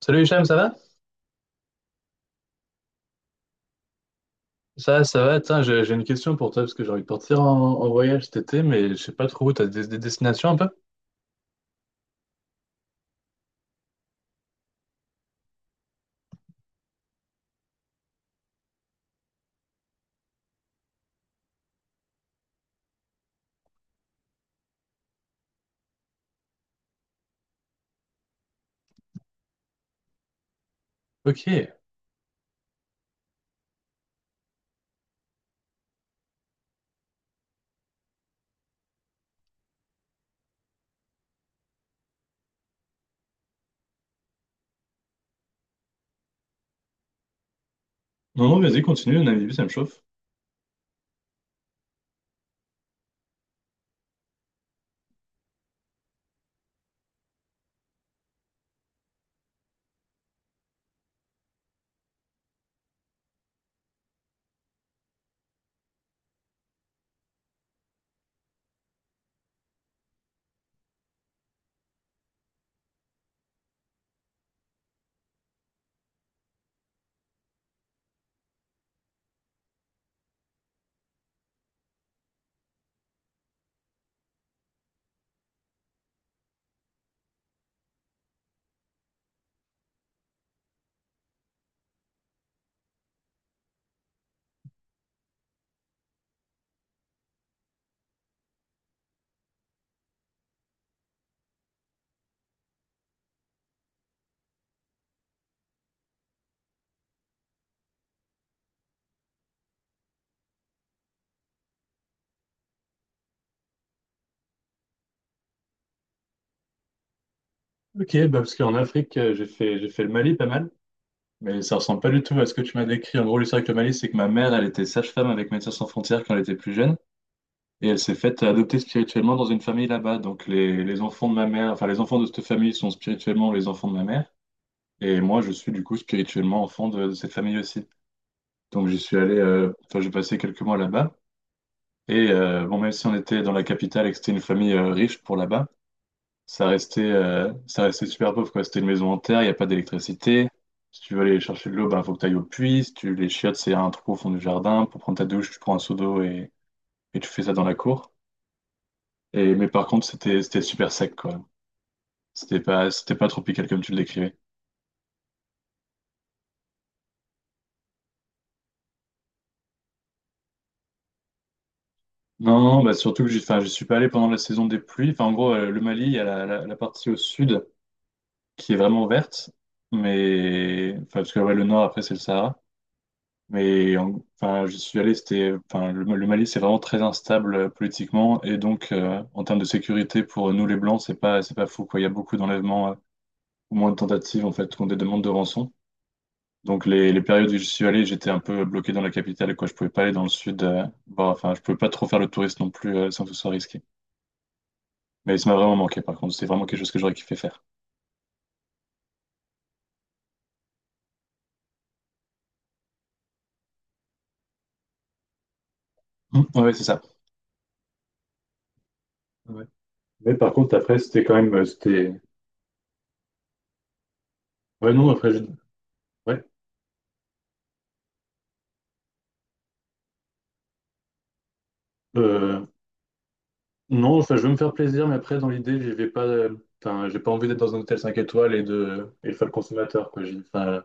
Salut Hicham, ça va? Ça va, tiens, j'ai une question pour toi parce que j'ai envie de partir en voyage cet été, mais je sais pas trop où, t'as des destinations un peu? Ok. Non, non, vas-y, continue, Namibie, ça me chauffe. Ok, bah parce qu'en Afrique, j'ai fait le Mali pas mal, mais ça ressemble pas du tout à ce que tu m'as décrit. En gros, l'histoire avec le Mali, c'est que ma mère, elle était sage-femme avec Médecins Sans Frontières quand elle était plus jeune, et elle s'est faite adopter spirituellement dans une famille là-bas. Donc les enfants de ma mère, enfin les enfants de cette famille sont spirituellement les enfants de ma mère. Et moi, je suis du coup spirituellement enfant de cette famille aussi. Donc j'y suis allé, enfin j'ai passé quelques mois là-bas. Et bon, même si on était dans la capitale et que c'était une famille riche pour là-bas, ça restait super pauvre, quoi. C'était une maison en terre, il n'y a pas d'électricité. Si tu veux aller chercher de l'eau, ben, faut que tu ailles au puits. Si tu les chiottes, c'est un trou au fond du jardin. Pour prendre ta douche, tu prends un seau d'eau et tu fais ça dans la cour. Mais par contre, c'était super sec, quoi. C'était pas tropical comme tu le décrivais. Non, bah surtout que je suis pas allé pendant la saison des pluies. Enfin, en gros, le Mali, il y a la partie au sud qui est vraiment verte, mais enfin, parce que ouais, le nord après c'est le Sahara. Enfin, je suis allé, c'était le Mali, c'est vraiment très instable politiquement et donc en termes de sécurité pour nous les Blancs, c'est pas fou quoi. Il y a beaucoup d'enlèvements, ou moins de tentatives en fait, ou des demandes de rançon. Donc les périodes où je suis allé, j'étais un peu bloqué dans la capitale quoi. Je pouvais pas aller dans le sud. Enfin, je pouvais pas trop faire le touriste non plus sans que ce soit risqué. Mais ça m'a vraiment manqué, par contre. C'est vraiment quelque chose que j'aurais kiffé faire. Mm. Ouais, c'est ça. Ouais. Mais par contre, après, c'était quand même. Ouais, non, après, je... ouais. Euh, non, enfin, je veux me faire plaisir, mais après, dans l'idée, je vais pas. Enfin, j'ai pas envie d'être dans un hôtel 5 étoiles et de faire le consommateur, quoi. Enfin,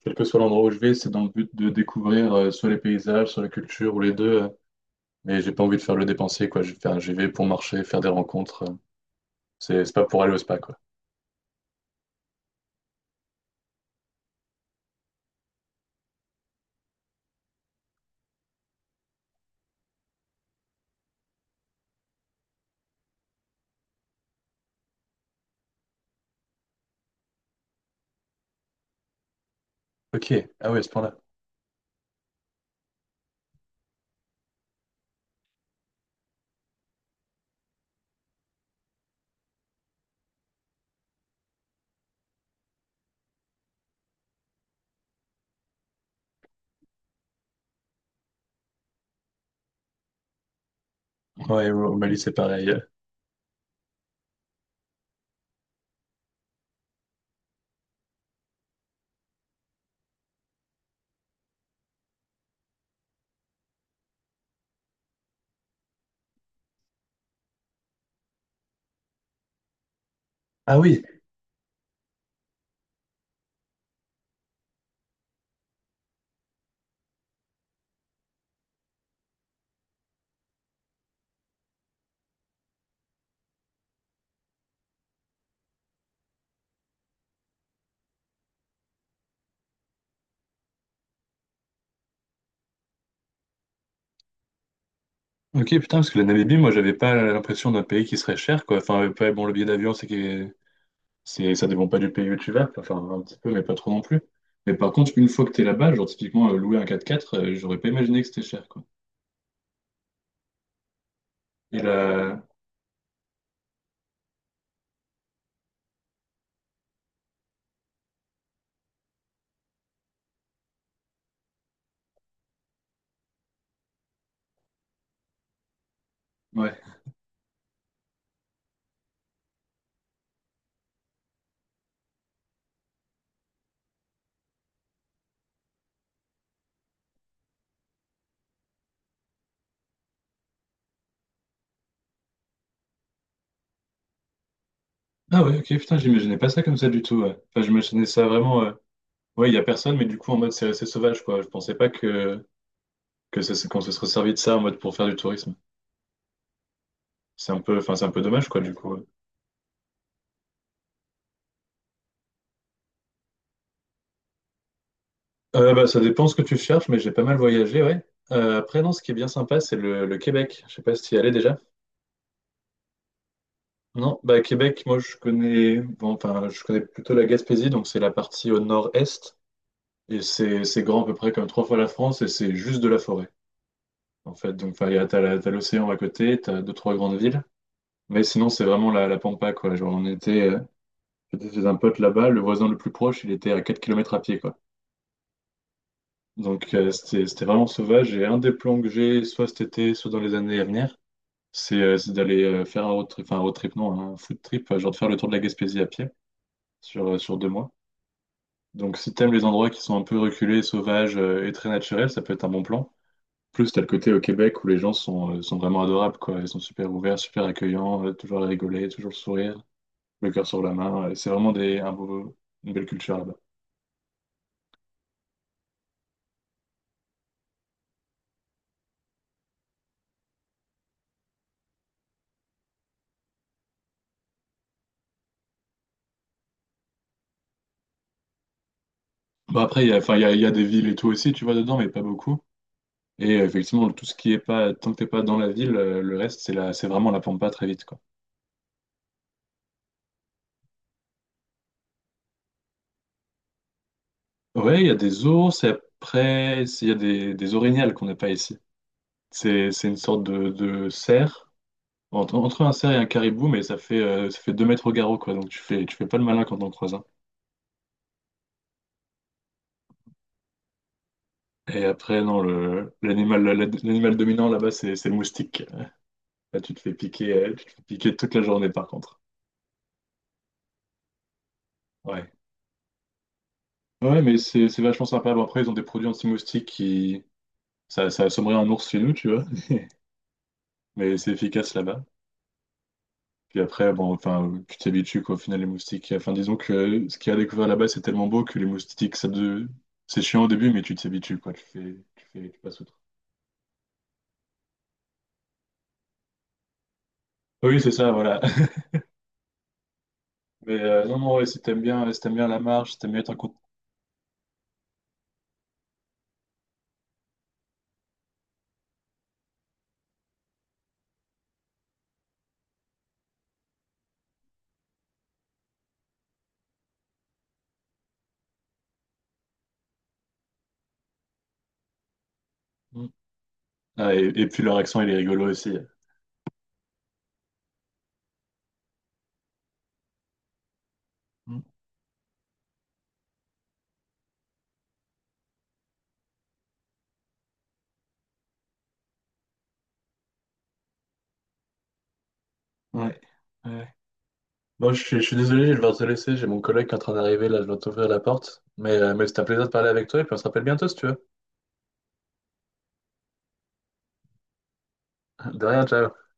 quel que soit l'endroit où je vais, c'est dans le but de découvrir soit les paysages, soit la culture, ou les deux. Mais j'ai pas envie de faire le dépensier, quoi. J'y vais pour marcher, faire des rencontres. C'est pas pour aller au spa, quoi. Ok, ah ouais, à ce point-là. Ouais, au Mali, c'est pareil. Ah oui, ok, putain, parce que la Namibie, moi, j'avais pas l'impression d'un pays qui serait cher, quoi. Enfin, ouais, bon, le billet d'avion, ça dépend pas du pays où tu vas, enfin, un petit peu, mais pas trop non plus. Mais par contre, une fois que t'es là-bas, genre, typiquement, louer un 4x4, j'aurais pas imaginé que c'était cher, quoi. Et là, ouais. Ah ouais, ok, putain, j'imaginais pas ça comme ça du tout, ouais. Enfin, j'imaginais ça vraiment, ouais, il y a personne, mais du coup, en mode, c'est resté sauvage, quoi. Je pensais pas que, que ça- Qu'on se serait servi de ça en mode pour faire du tourisme. C'est un peu, enfin, c'est un peu dommage, quoi, du coup. Bah, ça dépend ce que tu cherches, mais j'ai pas mal voyagé, ouais. Après, non, ce qui est bien sympa, c'est le Québec. Je sais pas si tu y allais déjà. Non, bah, Québec, moi, je connais, bon, enfin, je connais plutôt la Gaspésie, donc c'est la partie au nord-est, et c'est grand à peu près comme 3 fois la France, et c'est juste de la forêt, en fait. Donc, enfin, il y a- t'as la- t'as l'océan à côté, t'as deux, trois grandes villes, mais sinon, c'est vraiment la pampa, quoi. Genre, j'étais chez un pote là-bas, le voisin le plus proche, il était à 4 kilomètres à pied, quoi. Donc, c'était vraiment sauvage. Et un des plans que j'ai, soit cet été, soit dans les années à venir, c'est d'aller faire un road trip, enfin un road trip, non, un food trip, genre de faire le tour de la Gaspésie à pied sur, sur 2 mois. Donc, si t'aimes les endroits qui sont un peu reculés, sauvages et très naturels, ça peut être un bon plan. Plus, t'as le côté au Québec où les gens sont vraiment adorables, quoi. Ils sont super ouverts, super accueillants, toujours à rigoler, toujours le sourire, le cœur sur la main. C'est vraiment une belle culture là-bas. Bon après, il y a, enfin, il y a des villes et tout aussi, tu vois, dedans, mais pas beaucoup. Et effectivement, tout ce qui est pas, tant que t'es pas dans la ville, le reste, c'est vraiment la pampa très vite, quoi. Ouais, il y a des ours, et après, il y a des orignales qu'on n'a pas ici. C'est une sorte de cerf, entre un cerf et un caribou, mais ça fait 2 mètres au garrot, quoi. Donc tu fais pas le malin quand on croise un. Et après, non, l'animal, l'animal dominant là-bas, c'est le moustique. Là, tu te fais piquer toute la journée, par contre. Ouais. Ouais, mais c'est vachement sympa. Bon, après, ils ont des produits anti-moustiques qui. Ça assommerait un ours chez nous, tu vois. Mais c'est efficace là-bas. Puis après, bon, enfin, tu t'habitues, quoi, au final, les moustiques. Enfin, disons que ce qu'il y a à découvert là-bas, c'est tellement beau que les moustiques, c'est chiant au début, mais tu t'habitues, quoi. Tu passes outre. Oui, c'est ça, voilà. Mais non, non, ouais, si t'aimes bien, si t'aimes bien la marche, si t'aimes bien être en contact. Mm. Ah, et puis leur accent, il est rigolo aussi. Mm. Ouais. Ouais. Bon, je suis désolé, je vais devoir te laisser. J'ai mon collègue qui est en train d'arriver là, je dois t'ouvrir la porte. Mais c'était un plaisir de parler avec toi et puis on se rappelle bientôt si tu veux. De rien, ciao.